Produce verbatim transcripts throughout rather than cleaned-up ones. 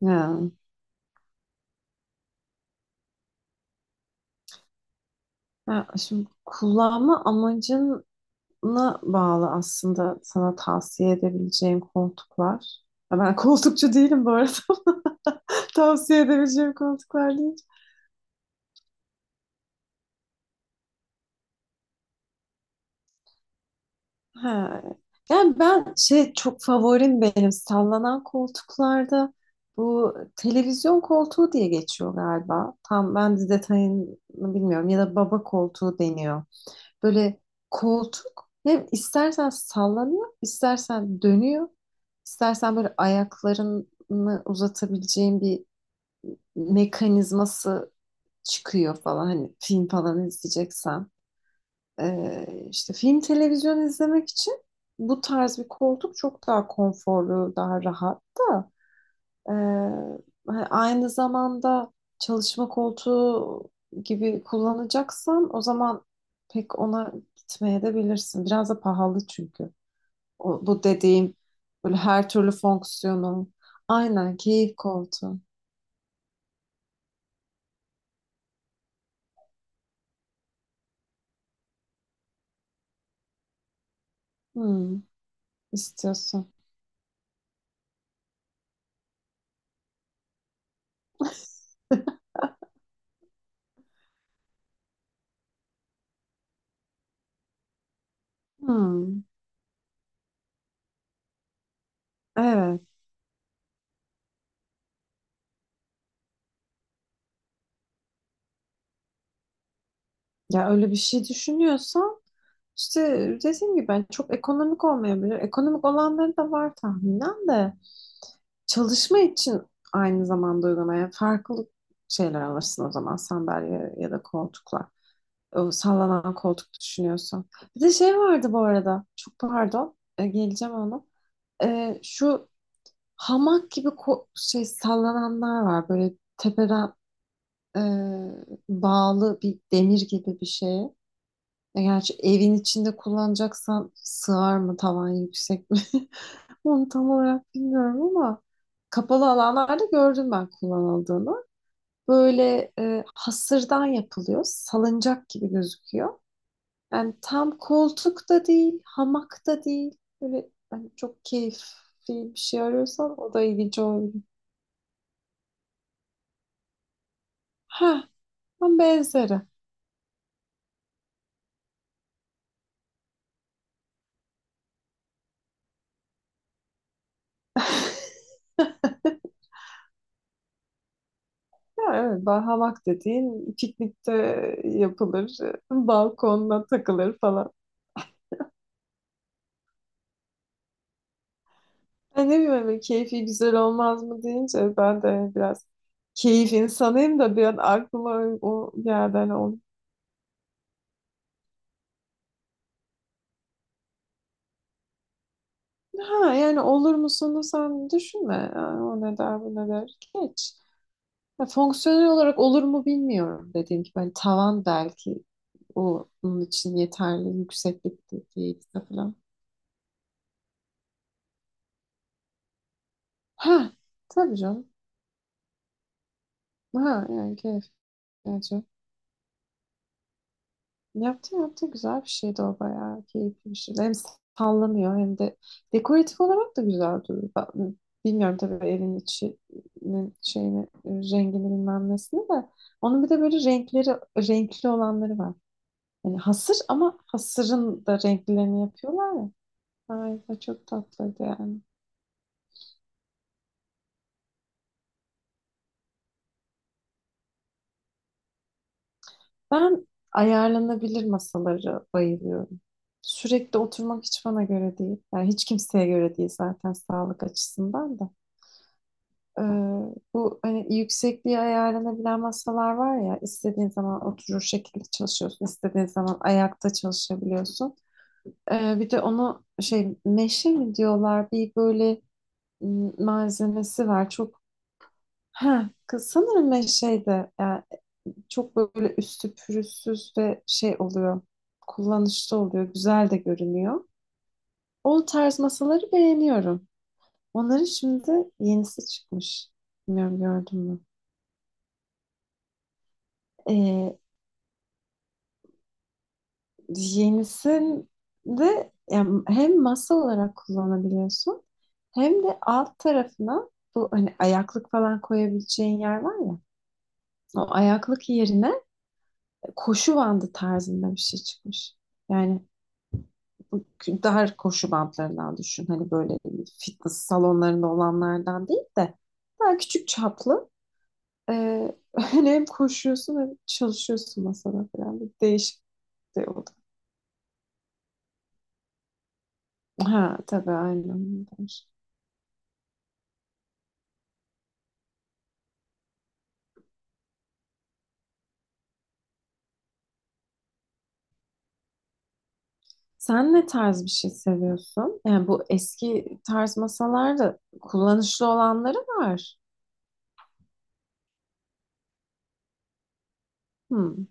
Ya, ya şimdi kullanma amacına bağlı aslında sana tavsiye edebileceğim koltuklar. Ya ben koltukçu değilim bu arada. Tavsiye edebileceğim koltuklar değil. Ha. Yani ben şey çok favorim benim sallanan koltuklarda bu televizyon koltuğu diye geçiyor galiba. Tam ben de detayını bilmiyorum ya da baba koltuğu deniyor. Böyle koltuk hem istersen sallanıyor, istersen dönüyor, istersen böyle ayaklarını uzatabileceğin bir mekanizması çıkıyor falan. Hani film falan izleyeceksen. Ee, işte film televizyon izlemek için bu tarz bir koltuk çok daha konforlu, daha rahat da. Ee, Hani aynı zamanda çalışma koltuğu gibi kullanacaksan o zaman pek ona gitmeye de bilirsin. Biraz da pahalı çünkü. O, bu dediğim böyle her türlü fonksiyonu. Aynen, keyif koltuğu. Hmm, istiyorsun. Hmm, evet. Ya öyle bir şey düşünüyorsan İşte dediğim gibi ben çok ekonomik olmayabilir. Ekonomik olanları da var tahminen de. Çalışma için aynı zamanda uygulamaya farklı şeyler alırsın o zaman sandalye ya da koltuklar. O sallanan koltuk düşünüyorsun. Bir de şey vardı bu arada. Çok pardon. E, geleceğim ona. E, şu hamak gibi ko- şey sallananlar var. Böyle tepeden e, bağlı bir demir gibi bir şeye. E, gerçi evin içinde kullanacaksan sığar mı, tavan yüksek mi? Onu tam olarak bilmiyorum ama kapalı alanlarda gördüm ben kullanıldığını. Böyle e, hasırdan yapılıyor. Salıncak gibi gözüküyor. Yani tam koltuk da değil, hamak da değil. Böyle hani çok keyifli bir şey arıyorsan o da ilginç olabilir. Ha, ama benzeri. Ya evet, bah- hamak dediğin piknikte yapılır, balkonla takılır falan. Ben ne bileyim, hani keyfi güzel olmaz mı deyince ben de hani biraz keyif insanıyım da bir an aklıma o o geldi. Hani o- ha yani olur musunuz sen düşünme. Yani o ne der bu ne der, geç. Ya fonksiyonel olarak olur mu bilmiyorum dediğim gibi. Hani tavan belki o onun için yeterli yükseklik değilse falan. Ha tabii canım. Ha yani keyif. Yaptı yaptı güzel bir şeydi, o bayağı keyifli bir şeydi. Hem sallanıyor hem de dekoratif olarak da güzel duruyor. Ben- bilmiyorum tabii evin içinin şeyini, rengini, bilmem nesini de. Onun bir de böyle renkleri, renkli olanları var. Yani hasır ama hasırın da renklerini yapıyorlar ya. Ay, o çok tatlıydı yani. Ben ayarlanabilir masaları bayılıyorum. Sürekli oturmak hiç bana göre değil. Yani hiç kimseye göre değil zaten sağlık açısından da. Ee, Bu hani yüksekliği ayarlanabilen masalar var ya, istediğin zaman oturur şekilde çalışıyorsun, istediğin zaman ayakta çalışabiliyorsun. Ee, bir de onu şey, meşe mi diyorlar, bir böyle m, malzemesi var çok. Ha kız, sanırım meşeydi yani. Çok böyle üstü pürüzsüz ve şey oluyor, kullanışlı oluyor, güzel de görünüyor. O tarz masaları beğeniyorum. Onların şimdi yenisi çıkmış, bilmiyorum gördün mü. Yenisinde yani hem masa olarak kullanabiliyorsun hem de alt tarafına bu hani ayaklık falan koyabileceğin yer var ya, o ayaklık yerine koşu bandı tarzında bir şey çıkmış. Yani bu dar koşu bandlarından düşün. Hani böyle fitness salonlarında olanlardan değil de daha küçük çaplı. Ee, hani hem koşuyorsun hem çalışıyorsun masada falan. Bir değişik bir şey oldu. Ha tabii aynen. Demiş. Sen ne tarz bir şey seviyorsun? Yani bu eski tarz masalarda kullanışlı olanları var. Hmm,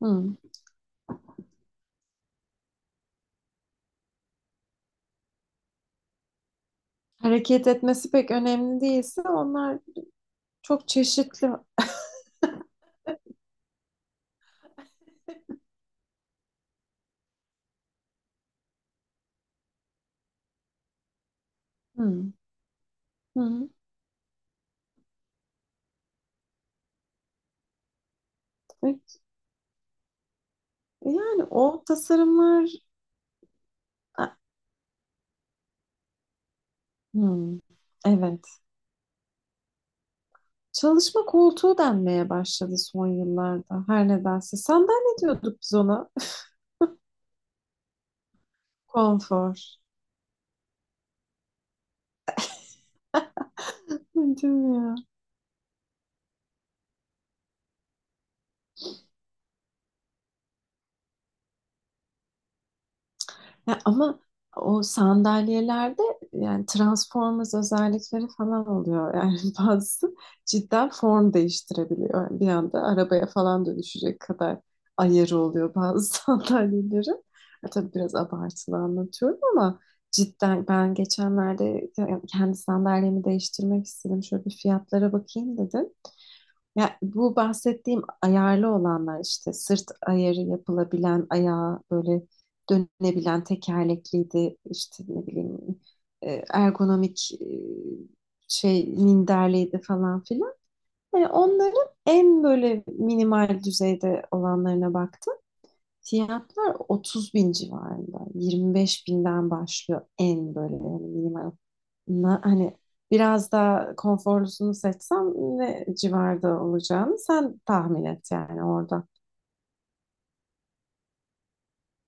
hmm. Hareket etmesi pek önemli değilse onlar çok çeşitli. Hmm, hmm. E, Yani o tasarımlar... A- hmm, evet. Çalışma koltuğu denmeye başladı son yıllarda. Her nedense. Sandalye diyorduk biz ona. Konfor. Değil mi ya? Ya ama o sandalyelerde yani Transformers özellikleri falan oluyor. Yani bazısı cidden form değiştirebiliyor. Yani bir anda arabaya falan dönüşecek kadar ayarı oluyor bazı sandalyelerin. Ya tabii biraz abartılı anlatıyorum ama cidden ben geçenlerde kendi sandalyemi değiştirmek istedim. Şöyle bir fiyatlara bakayım dedim. Ya bu bahsettiğim ayarlı olanlar işte sırt ayarı yapılabilen, ayağı böyle dönebilen, tekerlekliydi işte ne bileyim, e, ergonomik, e, şey minderliydi falan filan. Hani onların en böyle minimal düzeyde olanlarına baktım. Fiyatlar otuz bin civarında. yirmi beş binden başlıyor en böyle, yani minimal. Na- hani biraz daha konforlusunu seçsem ne civarda olacağını sen tahmin et yani orada.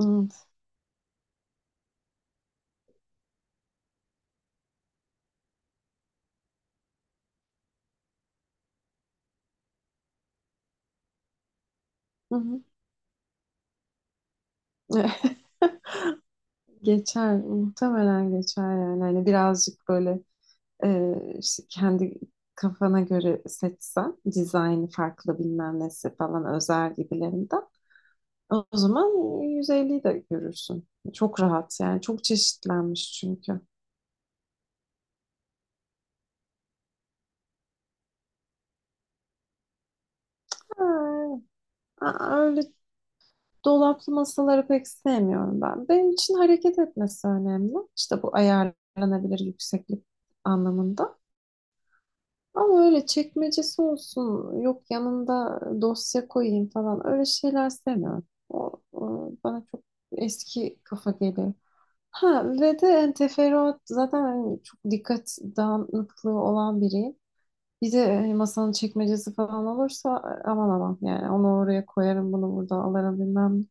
Evet. Hı hı. Geçer. Muhtemelen geçer yani. Hani birazcık böyle e, işte kendi kafana göre seçsen dizaynı farklı bilmem nesi falan özel gibilerinden, o zaman yüz elliyi de görürsün. Çok rahat yani. Çok çeşitlenmiş çünkü. Ha, aa, öyle dolaplı masaları pek sevmiyorum ben. Benim için hareket etmesi önemli. İşte bu ayarlanabilir yükseklik anlamında. Ama öyle çekmecesi olsun, yok yanında dosya koyayım falan, öyle şeyler sevmiyorum. O, o bana çok eski kafa geliyor. Ha ve de yani teferruat zaten, hani çok dikkat dağınıklığı olan biriyim. Bir de e, masanın çekmecesi falan olursa e, aman aman yani, onu oraya koyarım bunu burada alırım bilmem ne.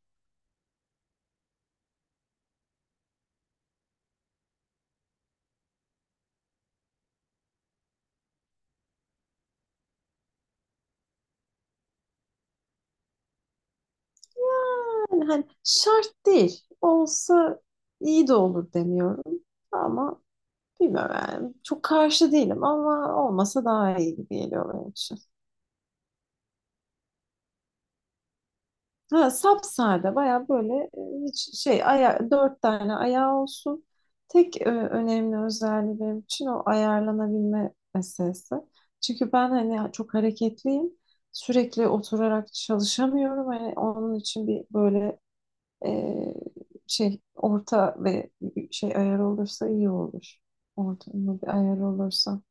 Yani hani şart değil. Olsa iyi de olur demiyorum. Ama bilmiyorum yani. Çok karşı değilim ama olmasa daha iyi gibi geliyor benim için. Ha, sapsade, baya böyle e, hiç şey, aya, dört tane ayağı olsun. Tek e, önemli özelliği benim için o ayarlanabilme meselesi. Çünkü ben hani çok hareketliyim. Sürekli oturarak çalışamıyorum. Hani onun için bir böyle e, şey orta ve şey, ayar olursa iyi olur. Ortalama bir ayar olursa.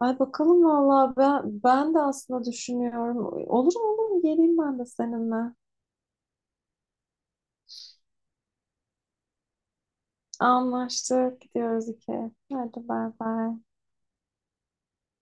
Ay bakalım vallahi, ben ben de aslında düşünüyorum. Olur mu, olur mu, geleyim ben de seninle. Anlaştık. Gidiyoruz iki. Hadi bay bay.